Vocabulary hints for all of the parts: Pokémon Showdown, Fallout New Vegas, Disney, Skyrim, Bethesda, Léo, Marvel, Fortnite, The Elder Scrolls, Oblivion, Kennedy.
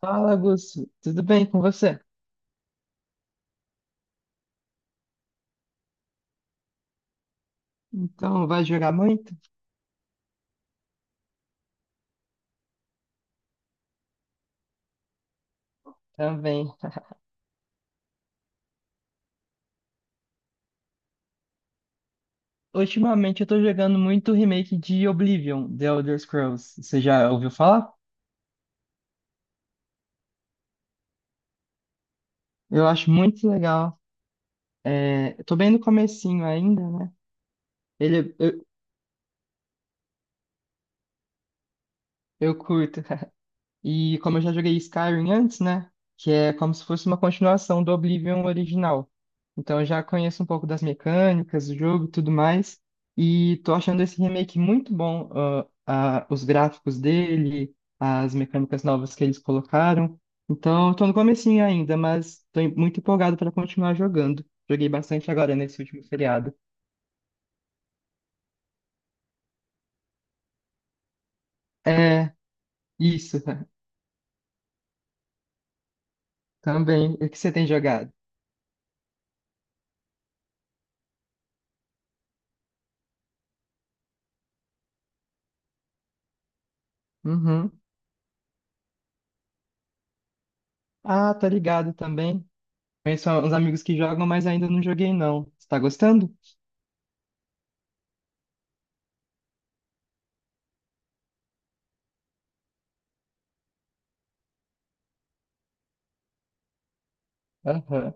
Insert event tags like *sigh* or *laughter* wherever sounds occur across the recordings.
Fala, Augusto. Tudo bem com você? Então, vai jogar muito? Também. Ultimamente eu tô jogando muito o remake de Oblivion, The Elder Scrolls. Você já ouviu falar? Eu acho muito legal. É, eu tô bem no comecinho ainda, né? Ele, eu, eu curto. *laughs* E como eu já joguei Skyrim antes, né? Que é como se fosse uma continuação do Oblivion original. Então eu já conheço um pouco das mecânicas, do jogo e tudo mais. E tô achando esse remake muito bom. Os gráficos dele, as mecânicas novas que eles colocaram. Então eu tô no comecinho ainda, mas tô muito empolgado para continuar jogando. Joguei bastante agora nesse último feriado. É, isso, *laughs* também. O que você tem jogado? Uhum. Ah, tá ligado também. Conheço uns amigos que jogam, mas ainda não joguei, não. Você tá gostando? Aham.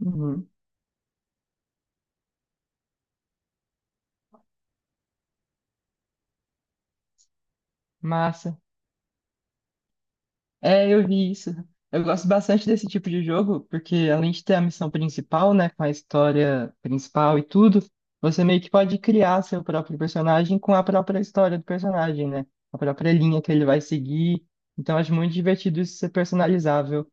Uhum. Massa. É, eu vi isso. Eu gosto bastante desse tipo de jogo, porque além de ter a missão principal, né, com a história principal e tudo, você meio que pode criar seu próprio personagem com a própria história do personagem, né? A própria linha que ele vai seguir. Então, acho muito divertido isso ser personalizável.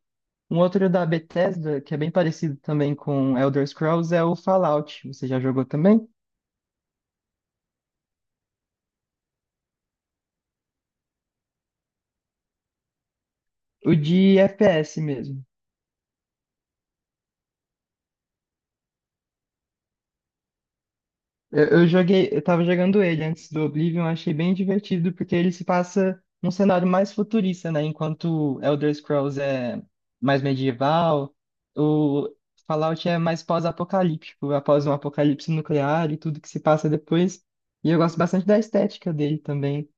Um outro da Bethesda, que é bem parecido também com Elder Scrolls, é o Fallout. Você já jogou também? O de FPS mesmo. Eu joguei, eu tava jogando ele antes do Oblivion, achei bem divertido, porque ele se passa num cenário mais futurista, né? Enquanto Elder Scrolls é mais medieval, o Fallout é mais pós-apocalíptico, após um apocalipse nuclear e tudo que se passa depois. E eu gosto bastante da estética dele também.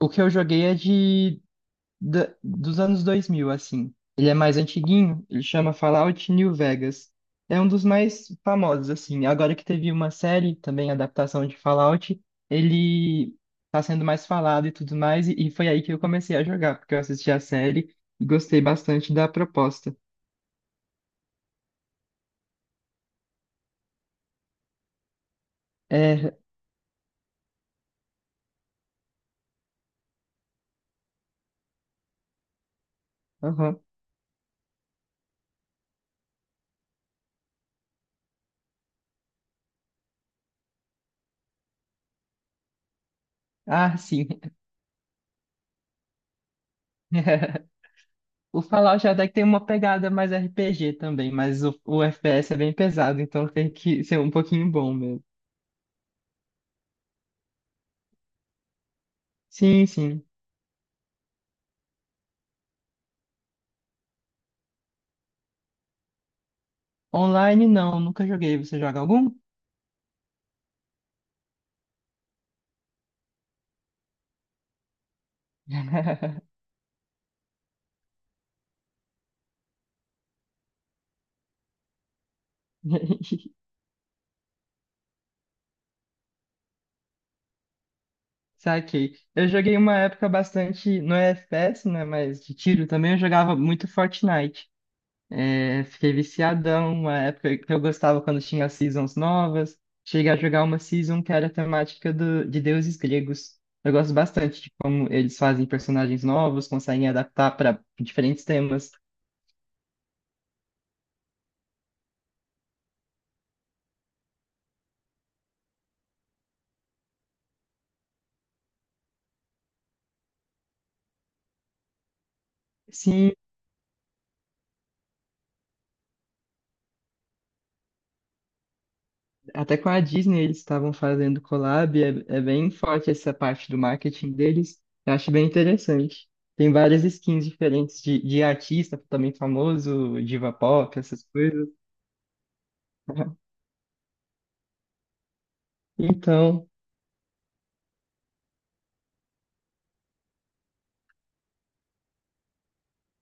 O que eu joguei é dos anos 2000 assim. Ele é mais antiguinho, ele chama Fallout New Vegas. É um dos mais famosos, assim. Agora que teve uma série, também adaptação de Fallout, ele tá sendo mais falado e tudo mais, e foi aí que eu comecei a jogar, porque eu assisti a série e gostei bastante da proposta. É, aham. Ah, sim. *laughs* O Fallout até que tem uma pegada mais RPG também, mas o FPS é bem pesado, então tem que ser um pouquinho bom mesmo. Sim, sim. Online não, nunca joguei. Você joga algum? *laughs* Saquei. Eu joguei uma época bastante, não é FPS, né, mas de tiro também, eu jogava muito Fortnite. É, fiquei viciadão, uma época que eu gostava quando tinha seasons novas. Cheguei a jogar uma season que era a temática do, de deuses gregos. Eu gosto bastante de como eles fazem personagens novos, conseguem adaptar para diferentes temas. Sim, até com a Disney eles estavam fazendo collab, é bem forte essa parte do marketing deles. Eu acho bem interessante. Tem várias skins diferentes de artista também famoso, diva pop, essas coisas. *laughs* Então,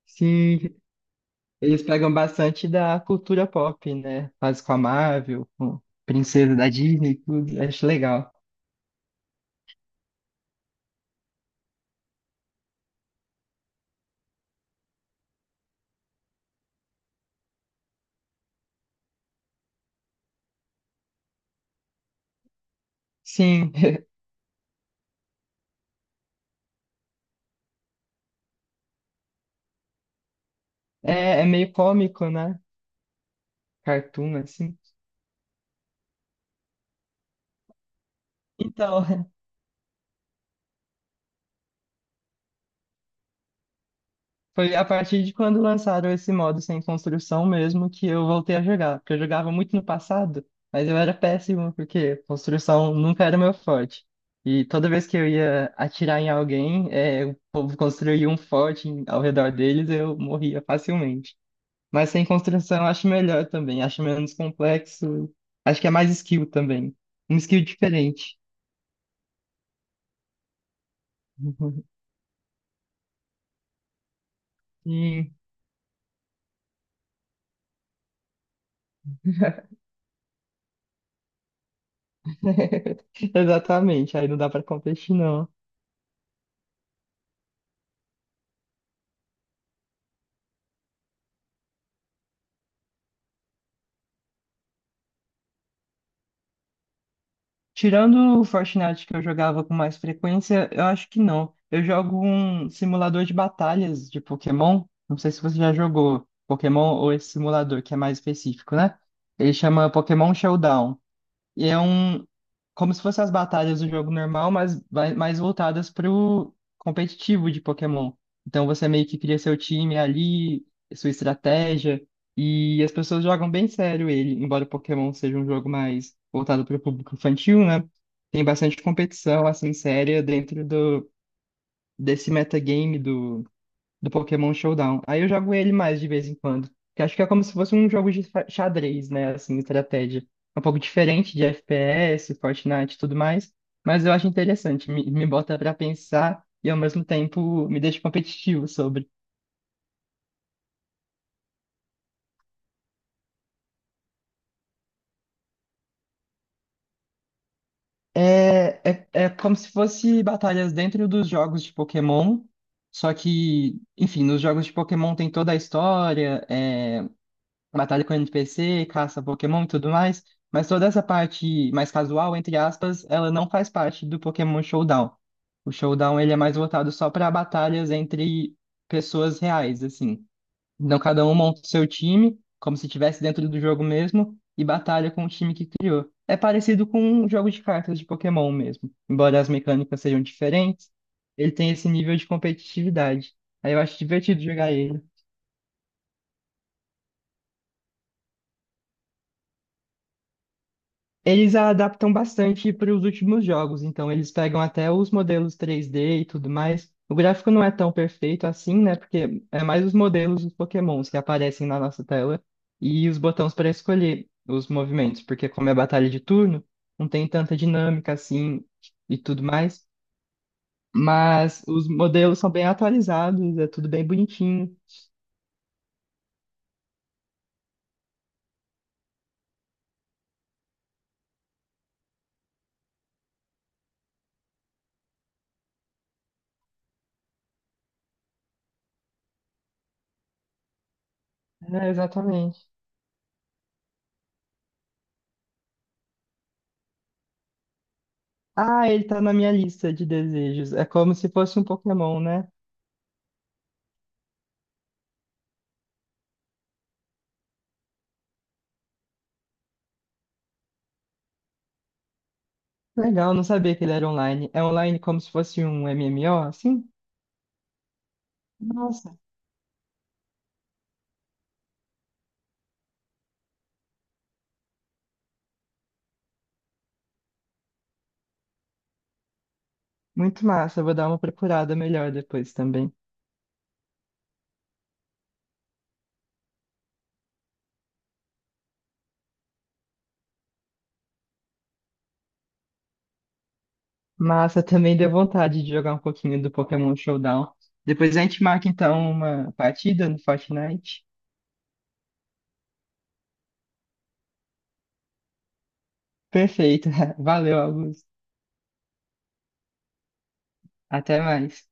sim, eles pegam bastante da cultura pop, né? Faz com a Marvel, com princesa da Disney, e tudo. Acho legal. Sim, *laughs* é meio cômico, né? Cartoon, assim. Então, foi a partir de quando lançaram esse modo sem construção mesmo que eu voltei a jogar. Porque eu jogava muito no passado, mas eu era péssimo porque construção nunca era meu forte. E toda vez que eu ia atirar em alguém, é, o povo construía um forte ao redor deles, eu morria facilmente. Mas sem construção eu acho melhor também, acho menos complexo, acho que é mais skill também. Um skill diferente. *laughs* E... *laughs* Exatamente, aí não dá pra competir, não. Tirando o Fortnite que eu jogava com mais frequência, eu acho que não. Eu jogo um simulador de batalhas de Pokémon. Não sei se você já jogou Pokémon ou esse simulador que é mais específico, né? Ele chama Pokémon Showdown. E é um. Como se fossem as batalhas do jogo normal, mas mais voltadas pro competitivo de Pokémon. Então você meio que cria seu time ali, sua estratégia, e as pessoas jogam bem sério ele, embora o Pokémon seja um jogo mais voltado para o público infantil, né? Tem bastante competição, assim, séria dentro do, desse metagame do Pokémon Showdown. Aí eu jogo ele mais de vez em quando. Que acho que é como se fosse um jogo de xadrez, né? Assim, estratégia. É um pouco diferente de FPS, Fortnite e tudo mais. Mas eu acho interessante. Me bota pra pensar e ao mesmo tempo me deixa competitivo sobre. É como se fosse batalhas dentro dos jogos de Pokémon. Só que, enfim, nos jogos de Pokémon tem toda a história, é, batalha com NPC, caça Pokémon e tudo mais, mas toda essa parte mais casual, entre aspas, ela não faz parte do Pokémon Showdown. O Showdown ele é mais voltado só para batalhas entre pessoas reais, assim. Então cada um monta o seu time, como se estivesse dentro do jogo mesmo, e batalha com o time que criou. É parecido com um jogo de cartas de Pokémon mesmo, embora as mecânicas sejam diferentes, ele tem esse nível de competitividade. Aí eu acho divertido jogar ele. Eles adaptam bastante para os últimos jogos, então eles pegam até os modelos 3D e tudo mais. O gráfico não é tão perfeito assim, né? Porque é mais os modelos dos Pokémons que aparecem na nossa tela e os botões para escolher os movimentos, porque como é batalha de turno, não tem tanta dinâmica assim e tudo mais. Mas os modelos são bem atualizados, é tudo bem bonitinho. É, exatamente. Ah, ele tá na minha lista de desejos. É como se fosse um Pokémon, né? Legal, não sabia que ele era online. É online como se fosse um MMO, assim? Nossa, muito massa. Eu vou dar uma procurada melhor depois também. Massa, também deu vontade de jogar um pouquinho do Pokémon Showdown. Depois a gente marca então uma partida no Fortnite. Perfeito. *laughs* Valeu, Augusto. Até mais.